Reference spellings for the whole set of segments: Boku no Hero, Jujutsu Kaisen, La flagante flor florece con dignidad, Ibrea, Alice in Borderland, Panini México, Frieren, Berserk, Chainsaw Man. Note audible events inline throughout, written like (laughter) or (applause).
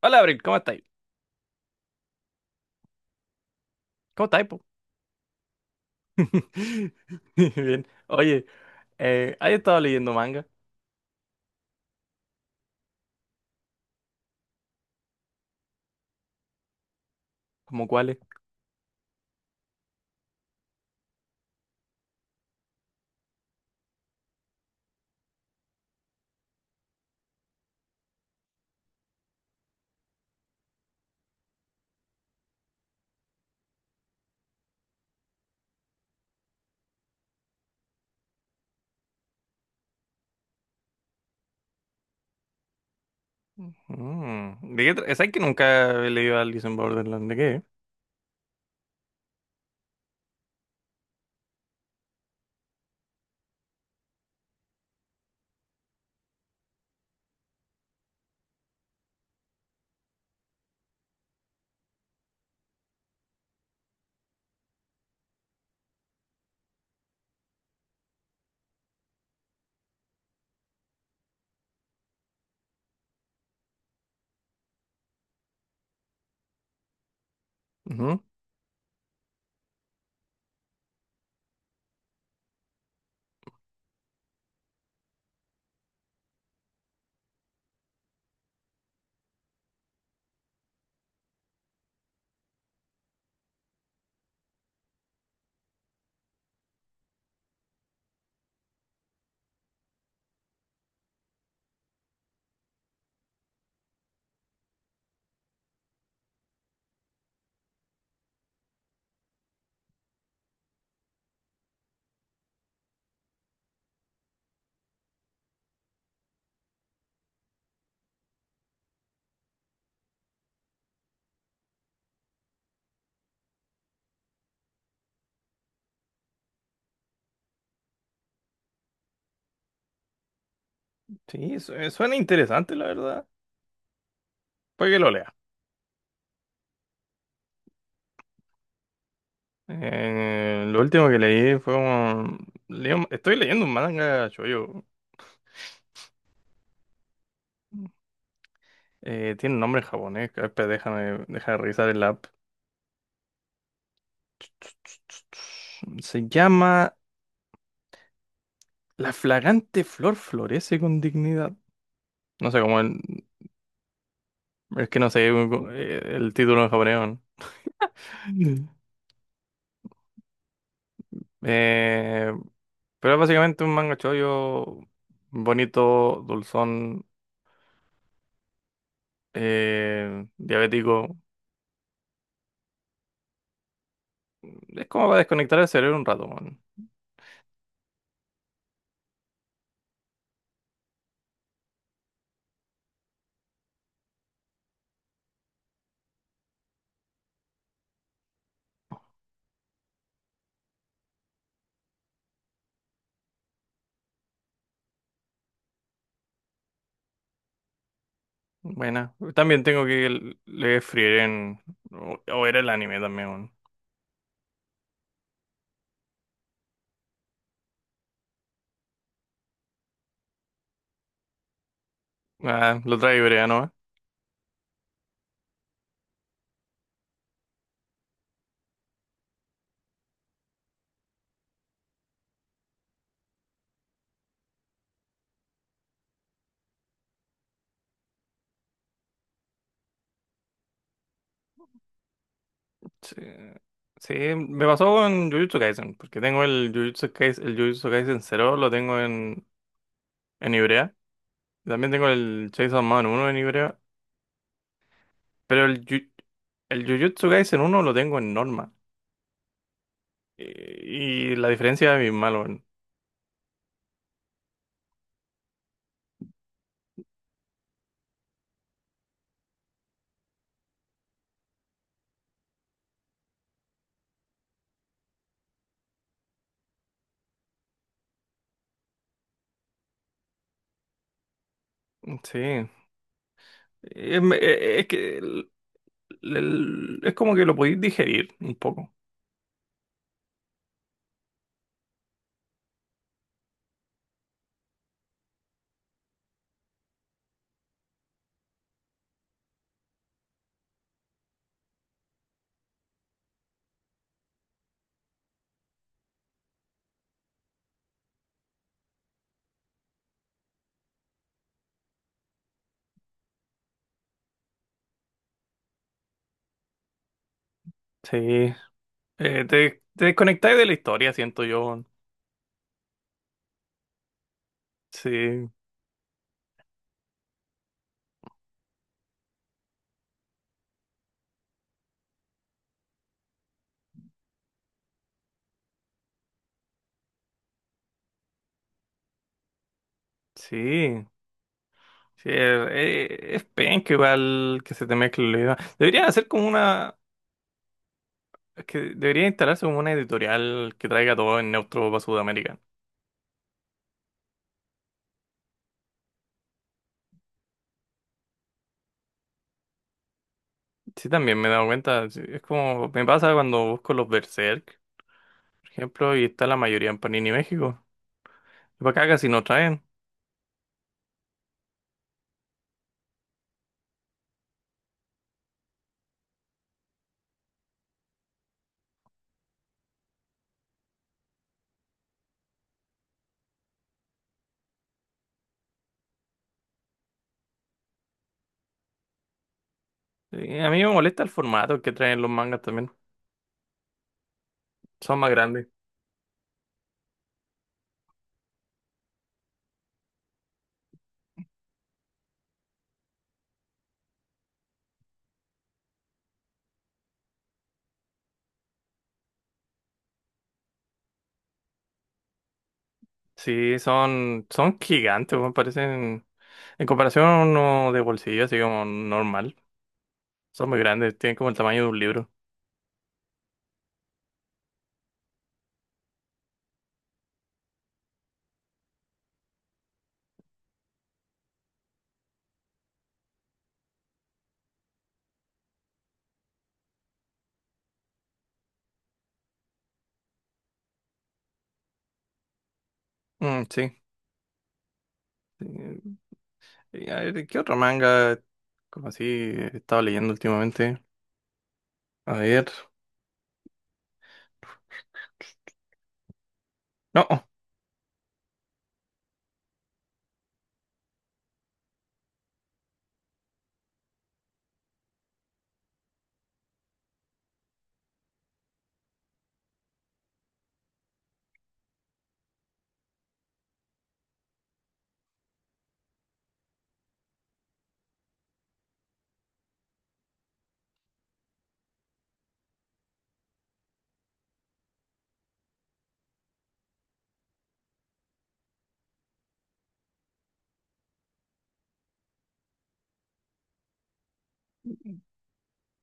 Hola, Abril, ¿cómo estáis? ¿Cómo estáis, po? (laughs) Bien. Oye, ¿has estado leyendo manga? ¿Cómo cuáles? Mm, ¿Sabes que nunca he leído Alice in Borderland? ¿De qué? Ujú. Sí, suena interesante, la verdad. Puede que lo lea. Lo último que leí fue estoy leyendo un manga shoujo. Tiene un nombre en japonés. Espera, déjame revisar el app. Se llama La flagante flor florece con dignidad. No sé cómo el. Es que no sé el título en japonés, ¿no? Eh, pero es básicamente un manga chollo bonito, dulzón, diabético. Es como para desconectar el cerebro un rato, man. Buena. También tengo que leer Frieren. O era el anime también, man. Ah, lo trae Ibrea, ¿no? Sí. Sí, me pasó con Jujutsu Kaisen, porque tengo el Jujutsu Kaisen 0, lo tengo en Ibrea. También tengo el Chainsaw Man uno en Ibrea. Pero el Jujutsu Kaisen uno lo tengo en norma. Y, y la diferencia es bien malo, weón. Sí. Es, me- e, e, es que el- Es como que lo podéis digerir un poco. Sí. Te desconectáis de la historia, siento yo, weón. Sí. Sí. Sí, es penca igual que se te mezcle la idea. Deberían hacer como una... Es que debería instalarse como una editorial que traiga todo en neutro para Sudamérica. Sí, también me he dado cuenta. Sí, es como me pasa cuando busco los Berserk, por ejemplo, y está la mayoría en Panini México. Y para acá casi no traen. Y a mí me molesta el formato que traen los mangas también. Son más grandes. Sí, son gigantes, me parecen. En comparación a uno de bolsillo, así como normal. Son muy grandes, tienen como el tamaño de un libro. Mm, sí. Eh, y a ver, ¿qué otro manga como así he estado leyendo últimamente? A ver. No.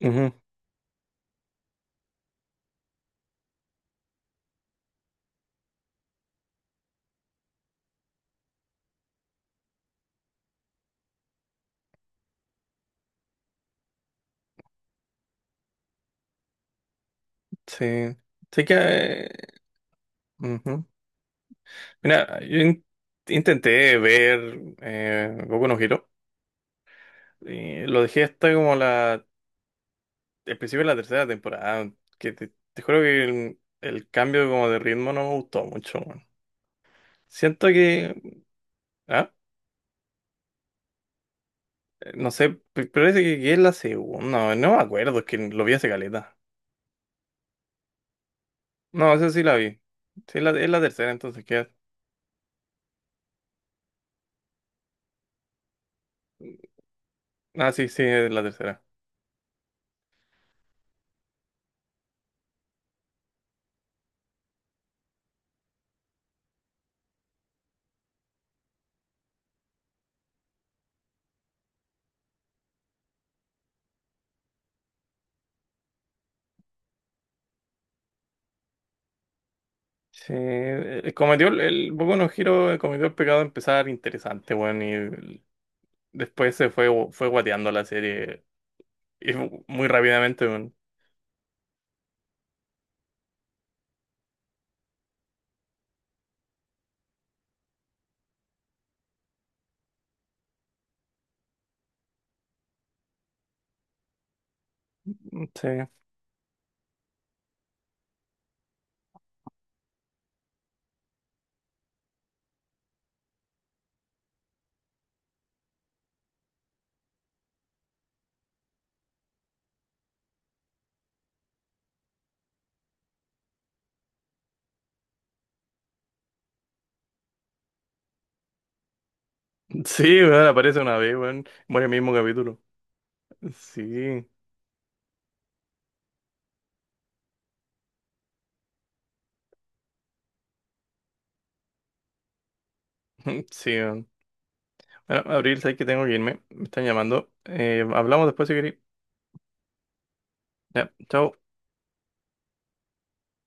Ujú. Sí. Sí que. Mira, intenté ver Boku no Hero. Y lo dejé hasta como el principio de la tercera temporada. Que te juro que el cambio como de ritmo no me gustó mucho, weón. Siento que... Ah, no sé, parece que es la segunda. No me acuerdo, es que lo vi hace caleta. No, esa sí la vi. Sí, es la tercera, entonces ¿qué? Ah, sí, sí, es la tercera. Sí, cometió el Boku no Hero cometió el pecado de empezar interesante, weón. Después fue guateando la serie. Y muy rápidamente, weón. Sí. (laughs) Sí, weón, aparece una vez, weón. Muere el mismo capítulo. Sí. (laughs) Sí, weón. Bueno, Abril, sabes que tengo que irme. Me están llamando. Hablamos después si queréis. Ya, chao.